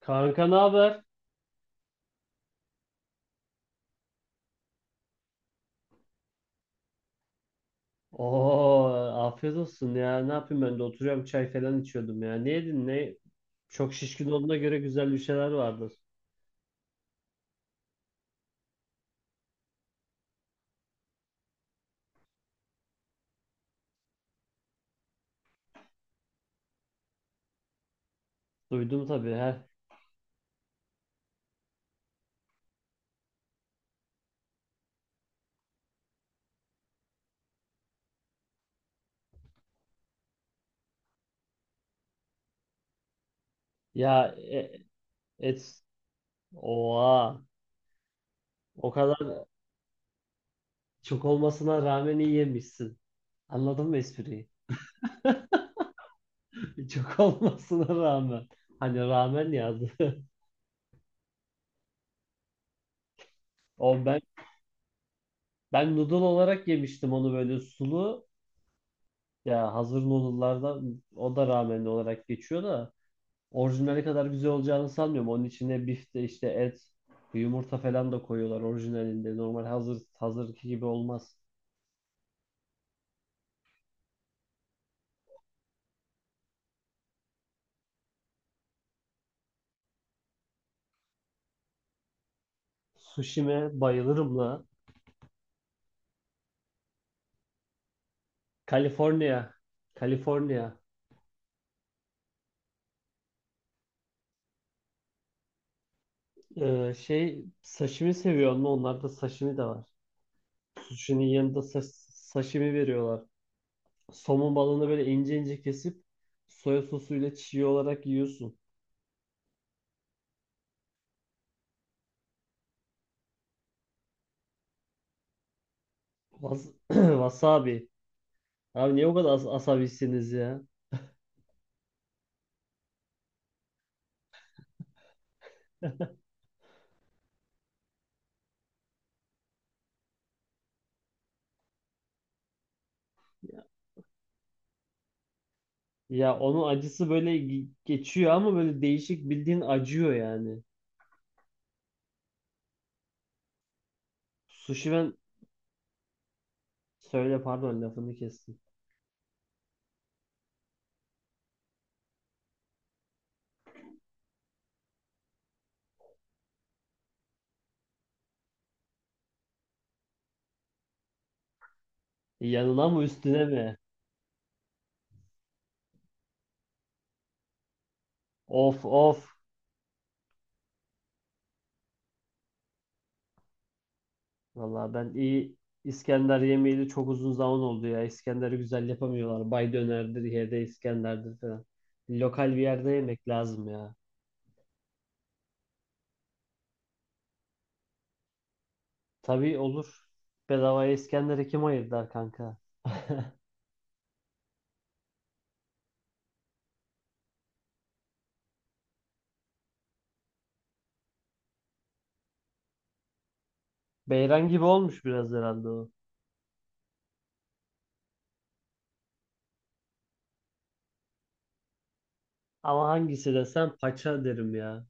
Kanka ne haber? Oo, afiyet olsun ya. Ne yapayım ben de oturuyorum çay falan içiyordum ya. Ne yedin ne? Çok şişkin olduğuna göre güzel bir şeyler vardır. Duydum tabii he. Ya e- et. Oha. O kadar çok olmasına rağmen iyi yemişsin. Anladın mı espriyi? Çok olmasına rağmen. Hani rağmen yazdı. O ben noodle olarak yemiştim onu böyle sulu. Ya hazır noodle'lardan o da rağmen olarak geçiyor da. Orijinali kadar güzel olacağını sanmıyorum. Onun içine bifte işte et, yumurta falan da koyuyorlar orijinalinde. Normal hazırki gibi olmaz. Sushi'me bayılırım la. Kaliforniya. Kaliforniya. Şey sashimi seviyor mu? Onlarda sashimi de var. Sushi'nin yanında sashimi veriyorlar. Somon balığını böyle ince ince kesip soya sosuyla çiğ olarak yiyorsun. Was- Wasabi. Abi niye o kadar asabisiniz ya? Ya onun acısı böyle geçiyor ama böyle değişik bildiğin acıyor yani. Sushi ben söyle, pardon, lafını kestim. Yanına mı üstüne mi? Of of. Valla ben iyi İskender yemeğiyle çok uzun zaman oldu ya. İskender'i güzel yapamıyorlar. Bay dönerdir, yerde İskender'dir falan. Lokal bir yerde yemek lazım ya. Tabii olur. Bedavaya İskender'i kim ayırdı kanka? Beyran gibi olmuş biraz herhalde o. Ama hangisi desem paça derim ya.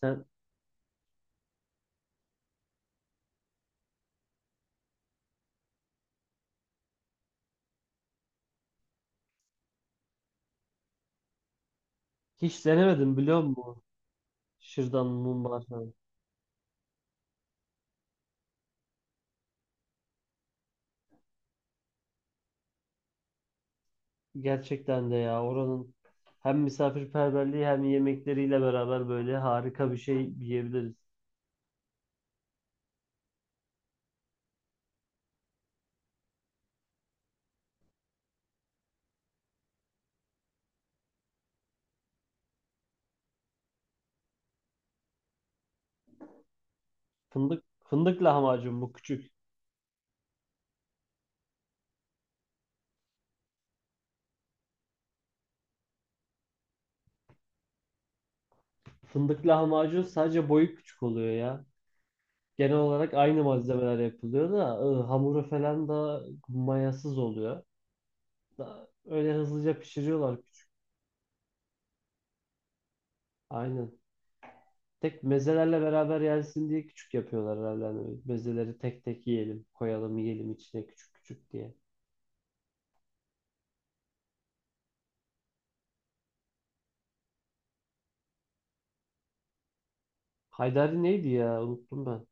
Sen hiç denemedim biliyor musun? Şırdan mumbar falan. Gerçekten de ya oranın hem misafirperverliği hem yemekleriyle beraber böyle harika bir şey yiyebiliriz. Fındık fındık lahmacun bu küçük. Fındık lahmacun sadece boyu küçük oluyor ya. Genel olarak aynı malzemeler yapılıyor da hamuru falan da mayasız oluyor. Da, öyle hızlıca pişiriyorlar. Aynen. Tek mezelerle beraber yensin diye küçük yapıyorlar herhalde. Hani mezeleri tek tek yiyelim, koyalım, yiyelim içine küçük küçük diye. Haydari neydi ya? Unuttum ben.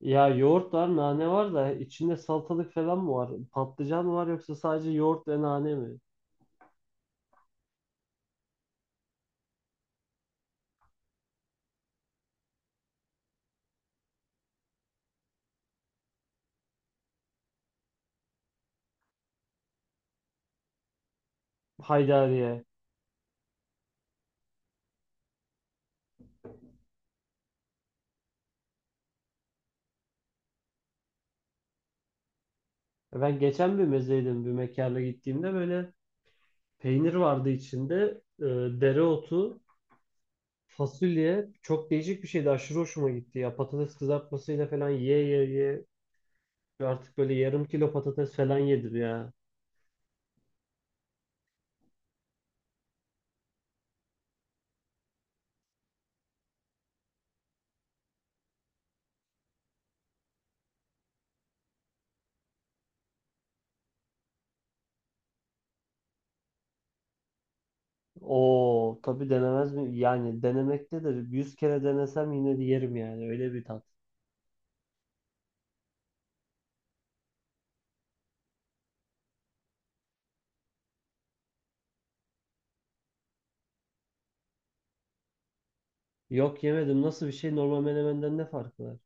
Ya yoğurt var, nane var da içinde salatalık falan mı var? Patlıcan mı var yoksa sadece yoğurt ve nane mi? Haydariye. E ben geçen bir mezeydim bir mekana gittiğimde böyle peynir vardı içinde. Dereotu, fasulye çok değişik bir şeydi. Aşırı hoşuma gitti ya. Patates kızartmasıyla falan ye ye ye artık böyle yarım kilo patates falan yedir ya. Oo tabii denemez mi? Yani denemektedir. Yüz kere denesem yine de yerim yani. Öyle bir tat. Yok yemedim. Nasıl bir şey? Normal menemenden ne farkı var?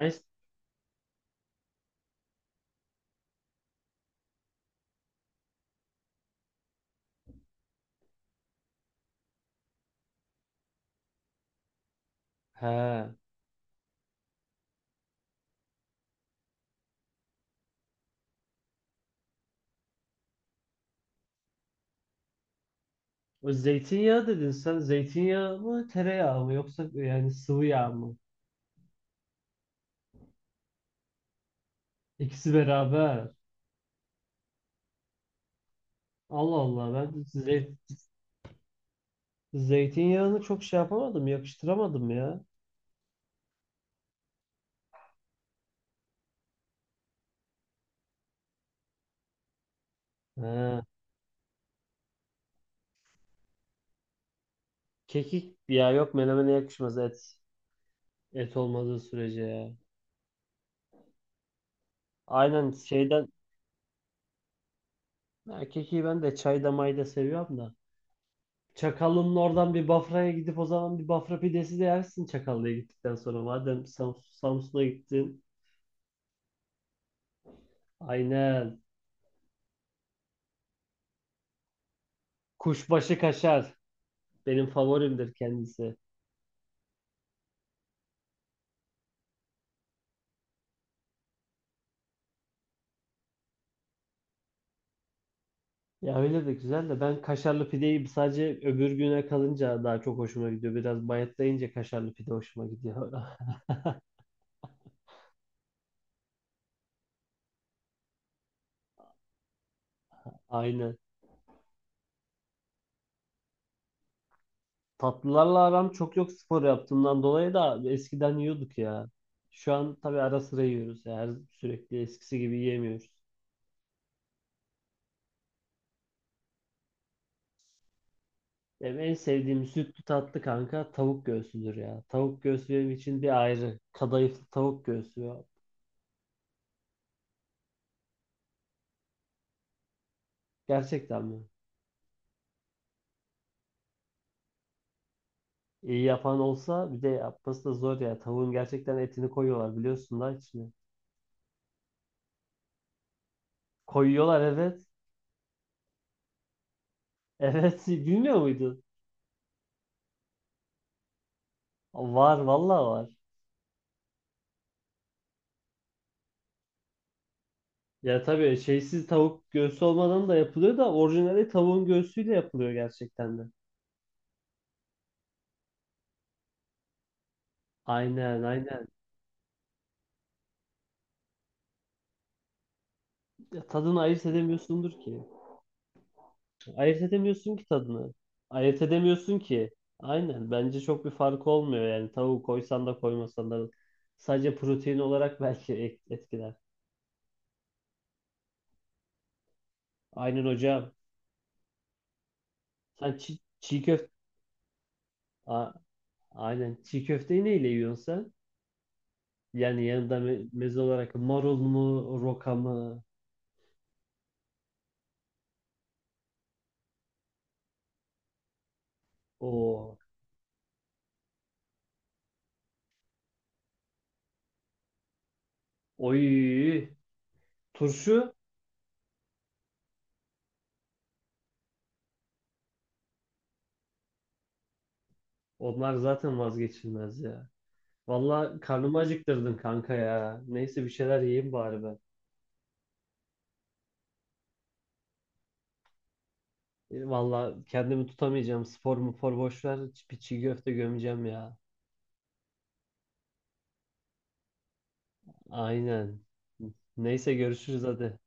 Ben... He. O zeytinyağı dedin sen. Zeytinyağı mı tereyağı mı? Yoksa yani sıvı yağ mı? İkisi beraber. Allah Allah zeytinyağını çok şey yapamadım. Yakıştıramadım ya. He. Kekik ya yok menemene yakışmaz et. Et olmadığı sürece ya. Aynen şeyden erkeği ben de çay damayı da seviyorum da. Çakallı'nın oradan bir Bafra'ya gidip o zaman bir Bafra pidesi de yersin Çakallı'ya gittikten sonra. Madem Samsun'a gittin. Aynen. Kuşbaşı kaşar. Benim favorimdir kendisi. Ya öyle de güzel de ben kaşarlı pideyi sadece öbür güne kalınca daha çok hoşuma gidiyor. Biraz bayatlayınca kaşarlı pide hoşuma gidiyor. Aynen. Tatlılarla aram çok yok, spor yaptığımdan dolayı da eskiden yiyorduk ya. Şu an tabii ara sıra yiyoruz ya. Her sürekli eskisi gibi yiyemiyoruz. Benim en sevdiğim sütlü tatlı kanka tavuk göğsüdür ya. Tavuk göğsü benim için bir ayrı. Kadayıflı tavuk göğsü ya. Gerçekten mi? İyi yapan olsa, bir de yapması da zor ya. Tavuğun gerçekten etini koyuyorlar biliyorsun da içine. Koyuyorlar, evet. Evet, bilmiyor muydun? Var vallahi var. Ya tabii şeysiz tavuk göğsü olmadan da yapılıyor da orijinali tavuğun göğsüyle yapılıyor gerçekten de. Aynen aynen. Ya tadını ayırt edemiyorsundur ki. Ayırt edemiyorsun ki tadını. Ayırt edemiyorsun ki. Aynen. Bence çok bir farkı olmuyor yani. Tavuğu koysan da koymasan da. Sadece protein olarak belki etkiler. Aynen hocam. Sen çiğ köfte... aynen. Çiğ köfteyi neyle yiyorsun sen? Yani yanında meze olarak marul mu, roka mı? O. Oy. Turşu, onlar zaten vazgeçilmez ya. Valla karnımı acıktırdın kanka ya. Neyse bir şeyler yiyeyim bari ben. Valla kendimi tutamayacağım. Spor mu spor boş ver. Bir çiğ köfte gömeceğim ya. Aynen. Neyse görüşürüz hadi.